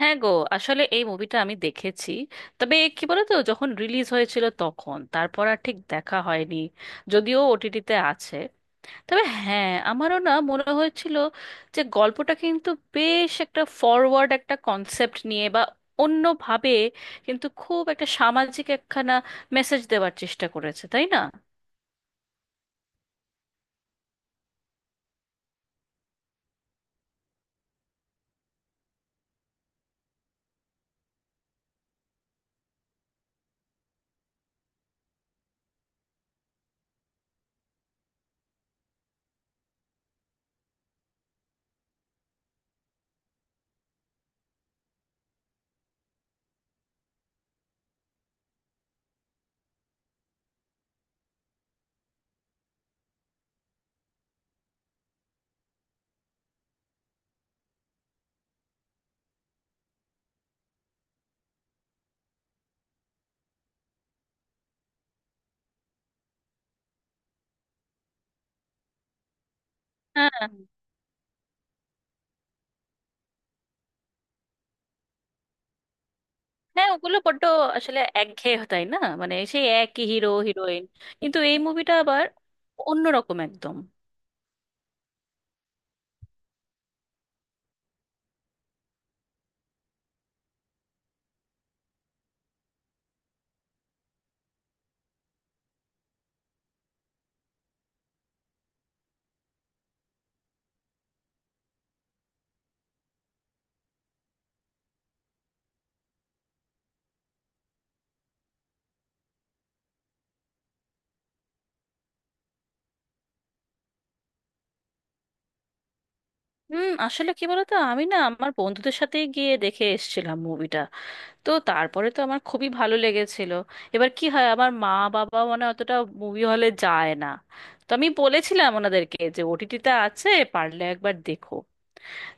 হ্যাঁ গো। আসলে এই মুভিটা আমি দেখেছি। তবে কি বলতো, যখন রিলিজ হয়েছিল তখন তারপর আর ঠিক দেখা হয়নি, যদিও ওটিটিতে আছে। তবে হ্যাঁ, আমারও না মনে হয়েছিল যে গল্পটা কিন্তু বেশ একটা ফরওয়ার্ড একটা কনসেপ্ট নিয়ে বা অন্যভাবে, কিন্তু খুব একটা সামাজিক একখানা মেসেজ দেওয়ার চেষ্টা করেছে, তাই না? হ্যাঁ হ্যাঁ, ওগুলো বড্ড আসলে একঘেয়ে, তাই না? মানে সেই একই হিরো হিরোইন, কিন্তু এই মুভিটা আবার অন্যরকম একদম। হুম, আসলে কি বলতো, আমি না আমার বন্ধুদের সাথেই গিয়ে দেখে এসেছিলাম মুভিটা। তো তারপরে তো আমার খুবই ভালো লেগেছিল। এবার কি হয়, আমার মা বাবা মানে অতটা মুভি হলে যায় না। তো আমি বলেছিলাম ওনাদেরকে যে ওটিটিতে আছে, পারলে একবার দেখো।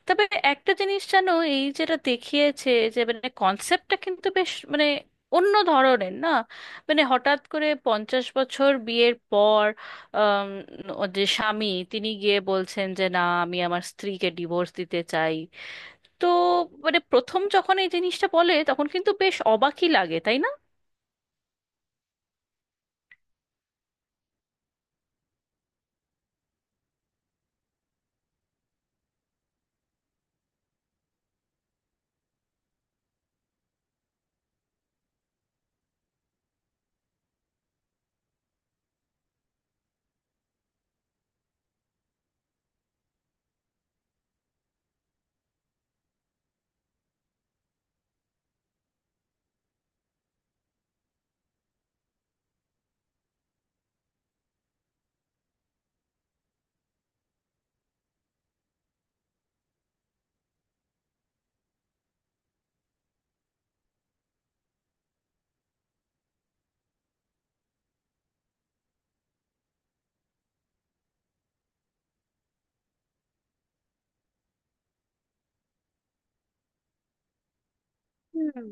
তবে একটা জিনিস জানো, এই যেটা দেখিয়েছে, যে মানে কনসেপ্টটা কিন্তু বেশ মানে অন্য ধরনের না। মানে হঠাৎ করে 50 বছর বিয়ের পর, আম, ও যে স্বামী তিনি গিয়ে বলছেন যে না, আমি আমার স্ত্রীকে ডিভোর্স দিতে চাই। তো মানে প্রথম যখন এই জিনিসটা বলে তখন কিন্তু বেশ অবাকই লাগে, তাই না? হুম।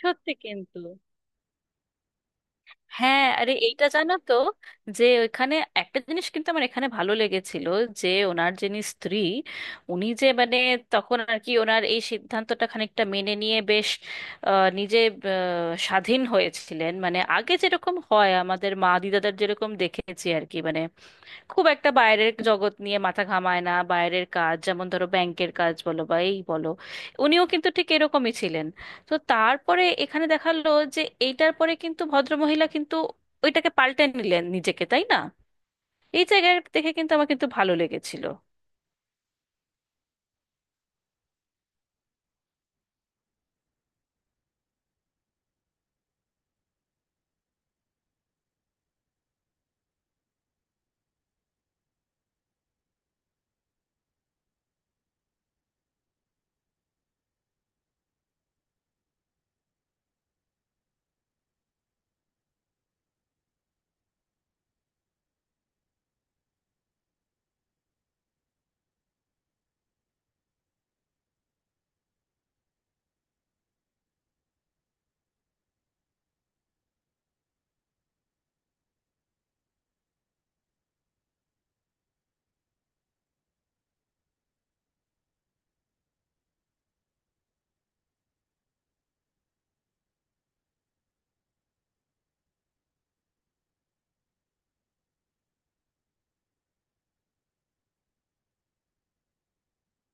সত্যি কিন্তু। হ্যাঁ আরে, এইটা জানো তো, যে ওইখানে একটা জিনিস কিন্তু আমার এখানে ভালো লেগেছিল। যে ওনার যিনি স্ত্রী, উনি যে মানে তখন আর কি ওনার এই সিদ্ধান্তটা খানিকটা মেনে নিয়ে বেশ নিজে স্বাধীন হয়েছিলেন। মানে আগে যেরকম হয়, আমাদের মা দিদাদের যেরকম দেখেছি আর কি, মানে খুব একটা বাইরের জগৎ নিয়ে মাথা ঘামায় না, বাইরের কাজ যেমন ধরো ব্যাংকের কাজ বলো বা এই বলো, উনিও কিন্তু ঠিক এরকমই ছিলেন। তো তারপরে এখানে দেখালো যে এইটার পরে কিন্তু ভদ্রমহিলা কিন্তু ওইটাকে পাল্টে নিলেন নিজেকে, তাই না? এই জায়গায় দেখে কিন্তু আমার কিন্তু ভালো লেগেছিল।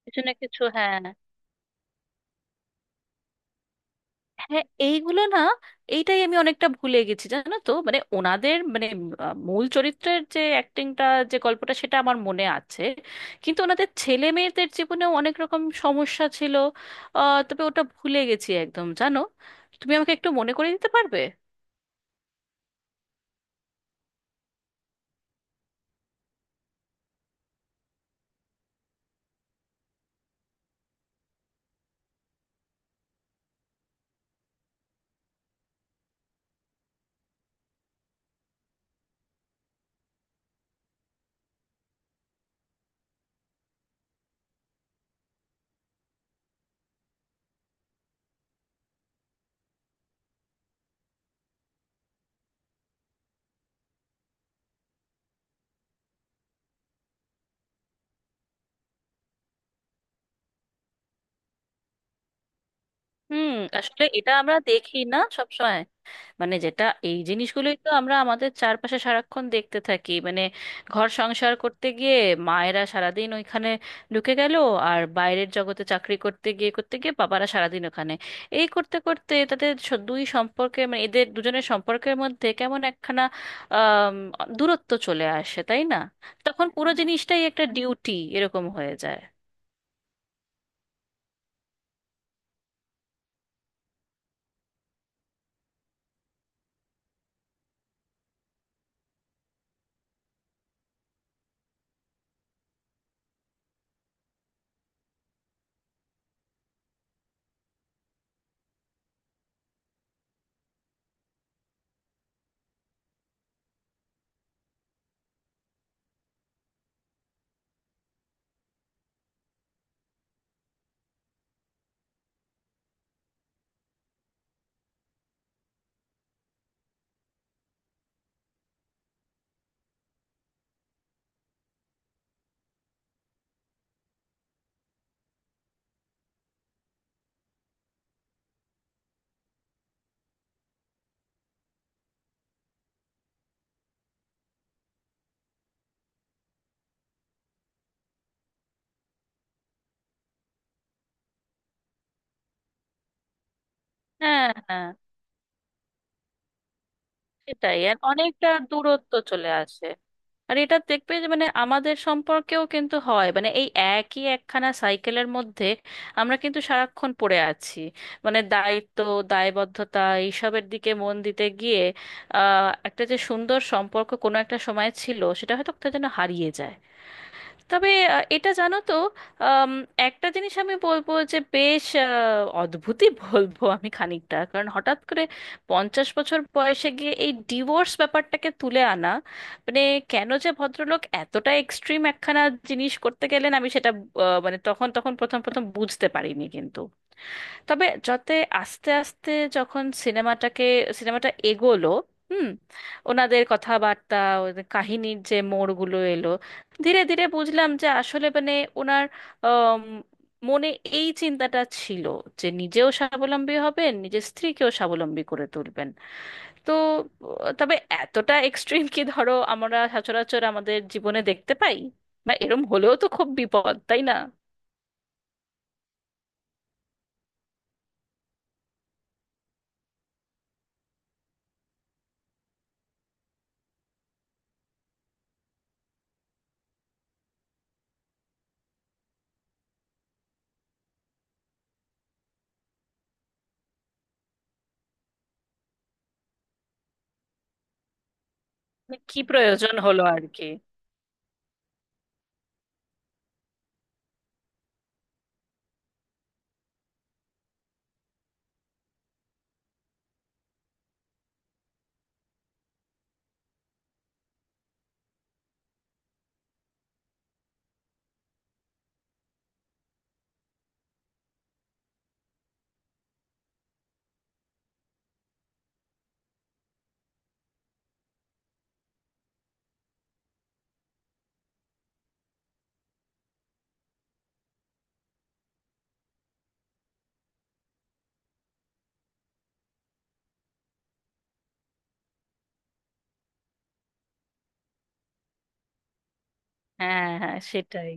কিছু না কিছু, হ্যাঁ। হ্যাঁ এইগুলো না, এইটাই আমি অনেকটা ভুলে গেছি জানো তো। মানে ওনাদের মানে মূল চরিত্রের যে অ্যাক্টিংটা, যে গল্পটা, সেটা আমার মনে আছে। কিন্তু ওনাদের ছেলে মেয়েদের জীবনেও অনেক রকম সমস্যা ছিল, তবে ওটা ভুলে গেছি একদম জানো। তুমি আমাকে একটু মনে করে দিতে পারবে? হুম। আসলে এটা আমরা দেখি না সবসময়। মানে যেটা এই জিনিসগুলোই তো আমরা আমাদের চারপাশে সারাক্ষণ দেখতে থাকি মানে। ঘর সংসার করতে গিয়ে মায়েরা সারাদিন ওইখানে ঢুকে গেল। আর বাইরের জগতে চাকরি করতে গিয়ে বাবারা সারাদিন ওখানে। এই করতে করতে তাদের দুই সম্পর্কে, মানে এদের দুজনের সম্পর্কের মধ্যে কেমন একখানা আম, দূরত্ব চলে আসে, তাই না? তখন পুরো জিনিসটাই একটা ডিউটি এরকম হয়ে যায়। হ্যাঁ হ্যাঁ, সেটাই। আর অনেকটা দূরত্ব চলে আসে। আর এটা দেখবে যে মানে আমাদের সম্পর্কেও কিন্তু হয়, মানে এই একই একখানা সাইকেলের মধ্যে আমরা কিন্তু সারাক্ষণ পড়ে আছি। মানে দায়িত্ব, দায়বদ্ধতা, এইসবের দিকে মন দিতে গিয়ে একটা যে সুন্দর সম্পর্ক কোনো একটা সময় ছিল, সেটা হয়তো কোথায় যেন হারিয়ে যায়। তবে এটা জানো তো, আম, একটা জিনিস আমি বলবো যে বেশ অদ্ভুতই বলবো আমি খানিকটা, কারণ হঠাৎ করে 50 বছর বয়সে গিয়ে এই ডিভোর্স ব্যাপারটাকে তুলে আনা, মানে কেন যে ভদ্রলোক এতটা এক্সট্রিম একখানা জিনিস করতে গেলেন আমি সেটা মানে তখন তখন প্রথম প্রথম বুঝতে পারিনি। কিন্তু তবে যাতে আস্তে আস্তে যখন সিনেমাটা এগোলো, হুম, ওনাদের কথাবার্তা, ওদের কাহিনীর যে মোড়গুলো এলো, ধীরে ধীরে বুঝলাম যে আসলে মানে ওনার আম, মনে এই চিন্তাটা ছিল যে নিজেও স্বাবলম্বী হবেন, নিজের স্ত্রীকেও স্বাবলম্বী করে তুলবেন। তো তবে এতটা এক্সট্রিম কি ধরো আমরা সচরাচর আমাদের জীবনে দেখতে পাই? বা এরম হলেও তো খুব বিপদ, তাই না? মানে কি প্রয়োজন হলো আর কি। হ্যাঁ হ্যাঁ সেটাই।